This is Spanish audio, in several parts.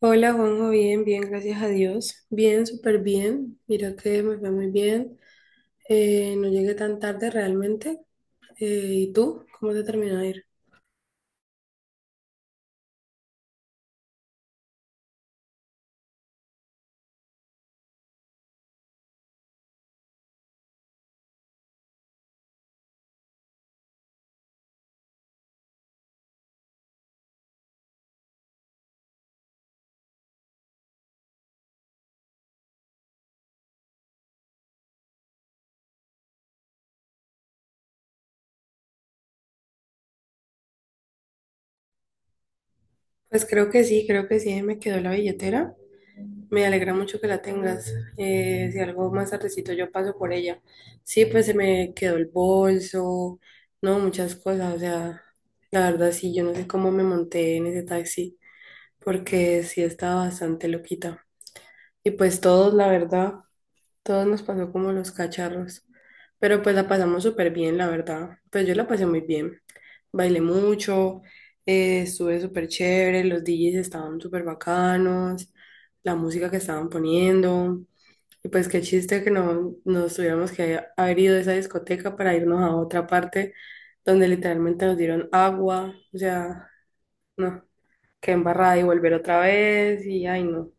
Hola Juanjo, bien, bien, gracias a Dios. Bien, súper bien. Mira que me fue muy bien. No llegué tan tarde realmente. Eh, ¿Y tú? ¿Cómo te terminó de ir? Pues creo que sí, ahí me quedó la billetera. Me alegra mucho que la tengas. Si algo más tardecito yo paso por ella. Sí, pues se me quedó el bolso, no, muchas cosas. O sea, la verdad sí, yo no sé cómo me monté en ese taxi, porque sí estaba bastante loquita. Y pues todos, la verdad. Todos nos pasó como los cacharros, pero pues la pasamos súper bien, la verdad. Pues yo la pasé muy bien. Bailé mucho, estuve súper chévere, los DJs estaban súper bacanos, la música que estaban poniendo. Y pues qué chiste que no nos tuviéramos que haber ido de esa discoteca para irnos a otra parte donde literalmente nos dieron agua. O sea, no, qué embarrada y volver otra vez y ay no,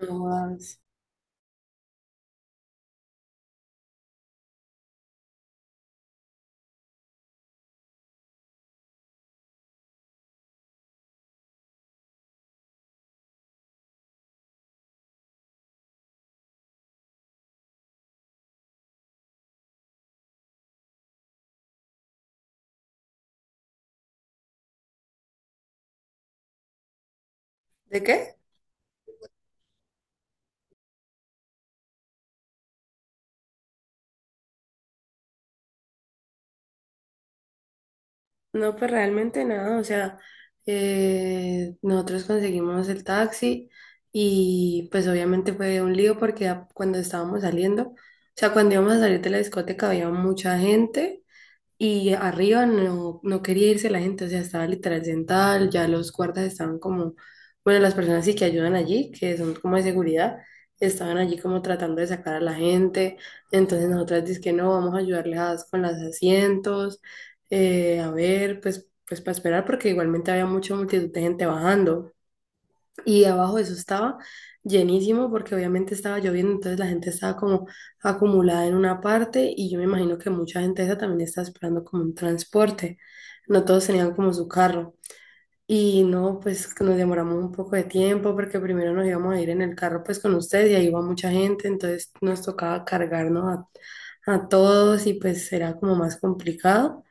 no jodas. ¿De qué? No, pues realmente nada, o sea, nosotros conseguimos el taxi y pues obviamente fue un lío porque a- cuando estábamos saliendo, o sea, cuando íbamos a salir de la discoteca había mucha gente y arriba no, no quería irse la gente, o sea, estaba literal sentada, ya los guardas estaban como, bueno, las personas sí que ayudan allí, que son como de seguridad, estaban allí como tratando de sacar a la gente, entonces nosotras dices que no, vamos a ayudarles a- con los asientos, a ver, pues, para esperar, porque igualmente había mucha multitud de gente bajando. Y abajo eso estaba llenísimo porque obviamente estaba lloviendo, entonces la gente estaba como acumulada en una parte y yo me imagino que mucha gente esa también estaba esperando como un transporte. No todos tenían como su carro. Y no, pues nos demoramos un poco de tiempo porque primero nos íbamos a ir en el carro pues con ustedes y ahí iba mucha gente, entonces nos tocaba cargarnos a todos y pues era como más complicado.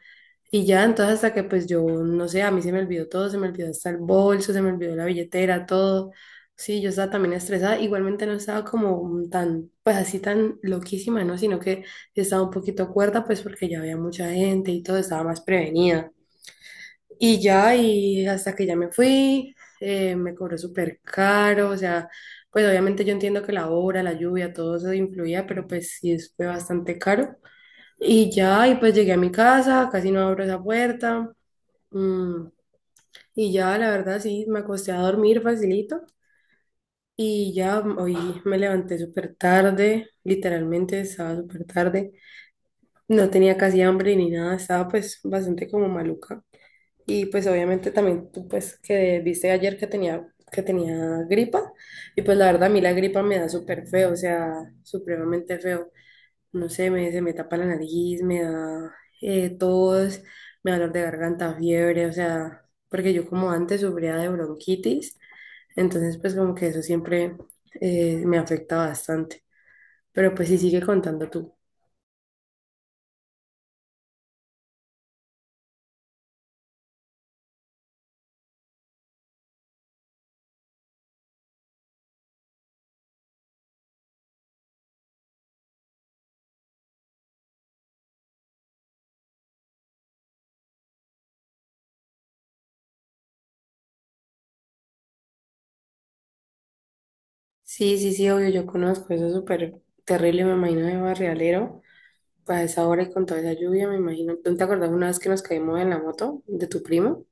Y ya, entonces hasta que pues yo, no sé, a mí se me olvidó todo, se me olvidó hasta el bolso, se me olvidó la billetera, todo. Sí, yo estaba también estresada, igualmente no estaba como tan, pues así tan loquísima, ¿no? Sino que estaba un poquito cuerda, pues porque ya había mucha gente y todo, estaba más prevenida. Y ya, y hasta que ya me fui, me cobró súper caro, o sea, pues obviamente yo entiendo que la hora, la lluvia, todo eso influía, pero pues sí, es- fue bastante caro. Y ya, y pues llegué a mi casa, casi no abro esa puerta. Mm, y ya, la verdad, sí, me acosté a dormir facilito y ya hoy me levanté súper tarde, literalmente estaba súper tarde, no tenía casi hambre ni nada, estaba pues bastante como maluca. Y pues obviamente también tú pues que viste ayer que tenía gripa y pues la verdad a mí la gripa me da súper feo, o sea, supremamente feo. No sé, se me tapa la nariz, me da tos, me da dolor de garganta, fiebre, o sea, porque yo como antes sufría de bronquitis, entonces pues como que eso siempre me afecta bastante. Pero pues sí, sigue contando tú. Sí, sí, sí, obvio, yo conozco, eso es súper terrible, me imagino de barrialero, a esa hora y con toda esa lluvia, me imagino. ¿Tú te acordás una vez que nos caímos en la moto de tu primo?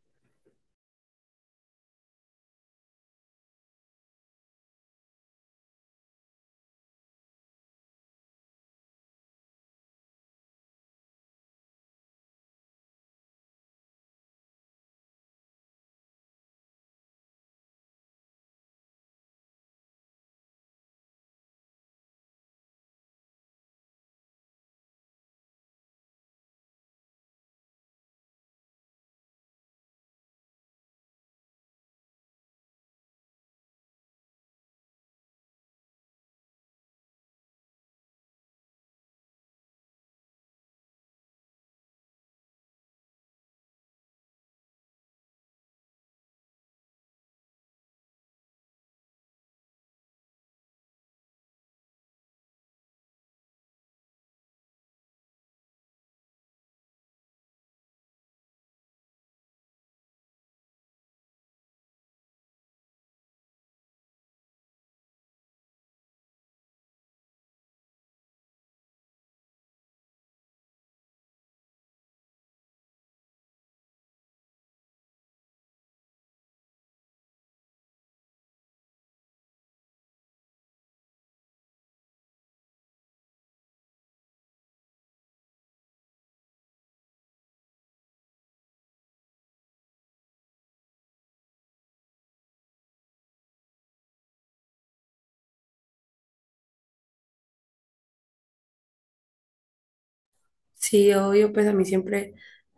Sí, obvio, pues a mí siempre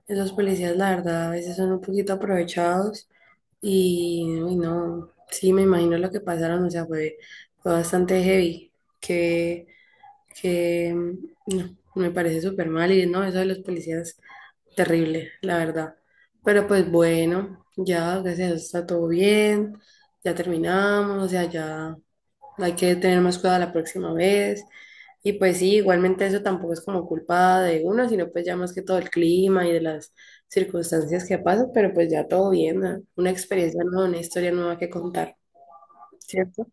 esos policías, la verdad, a veces son un poquito aprovechados. Y uy, no, sí, me imagino lo que pasaron, o sea, fue bastante heavy, que, no, me parece súper mal y no, eso de los policías, terrible, la verdad. Pero pues bueno, ya, gracias a Dios está todo bien, ya terminamos, o sea, ya, hay que tener más cuidado la próxima vez. Y pues sí, igualmente eso tampoco es como culpa de uno, sino pues ya más que todo el clima y de las circunstancias que pasan, pero pues ya todo bien, ¿no? Una experiencia nueva, una historia nueva que contar, ¿cierto?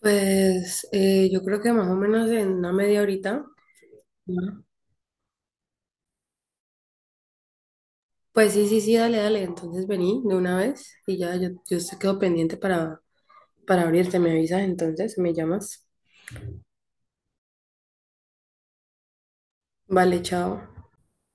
Pues yo creo que más o menos en una media horita. ¿No? Pues sí, sí, sí, dale, dale. Entonces vení de una vez y ya yo te quedo pendiente para abrirte, me avisas entonces, me llamas. Vale, chao.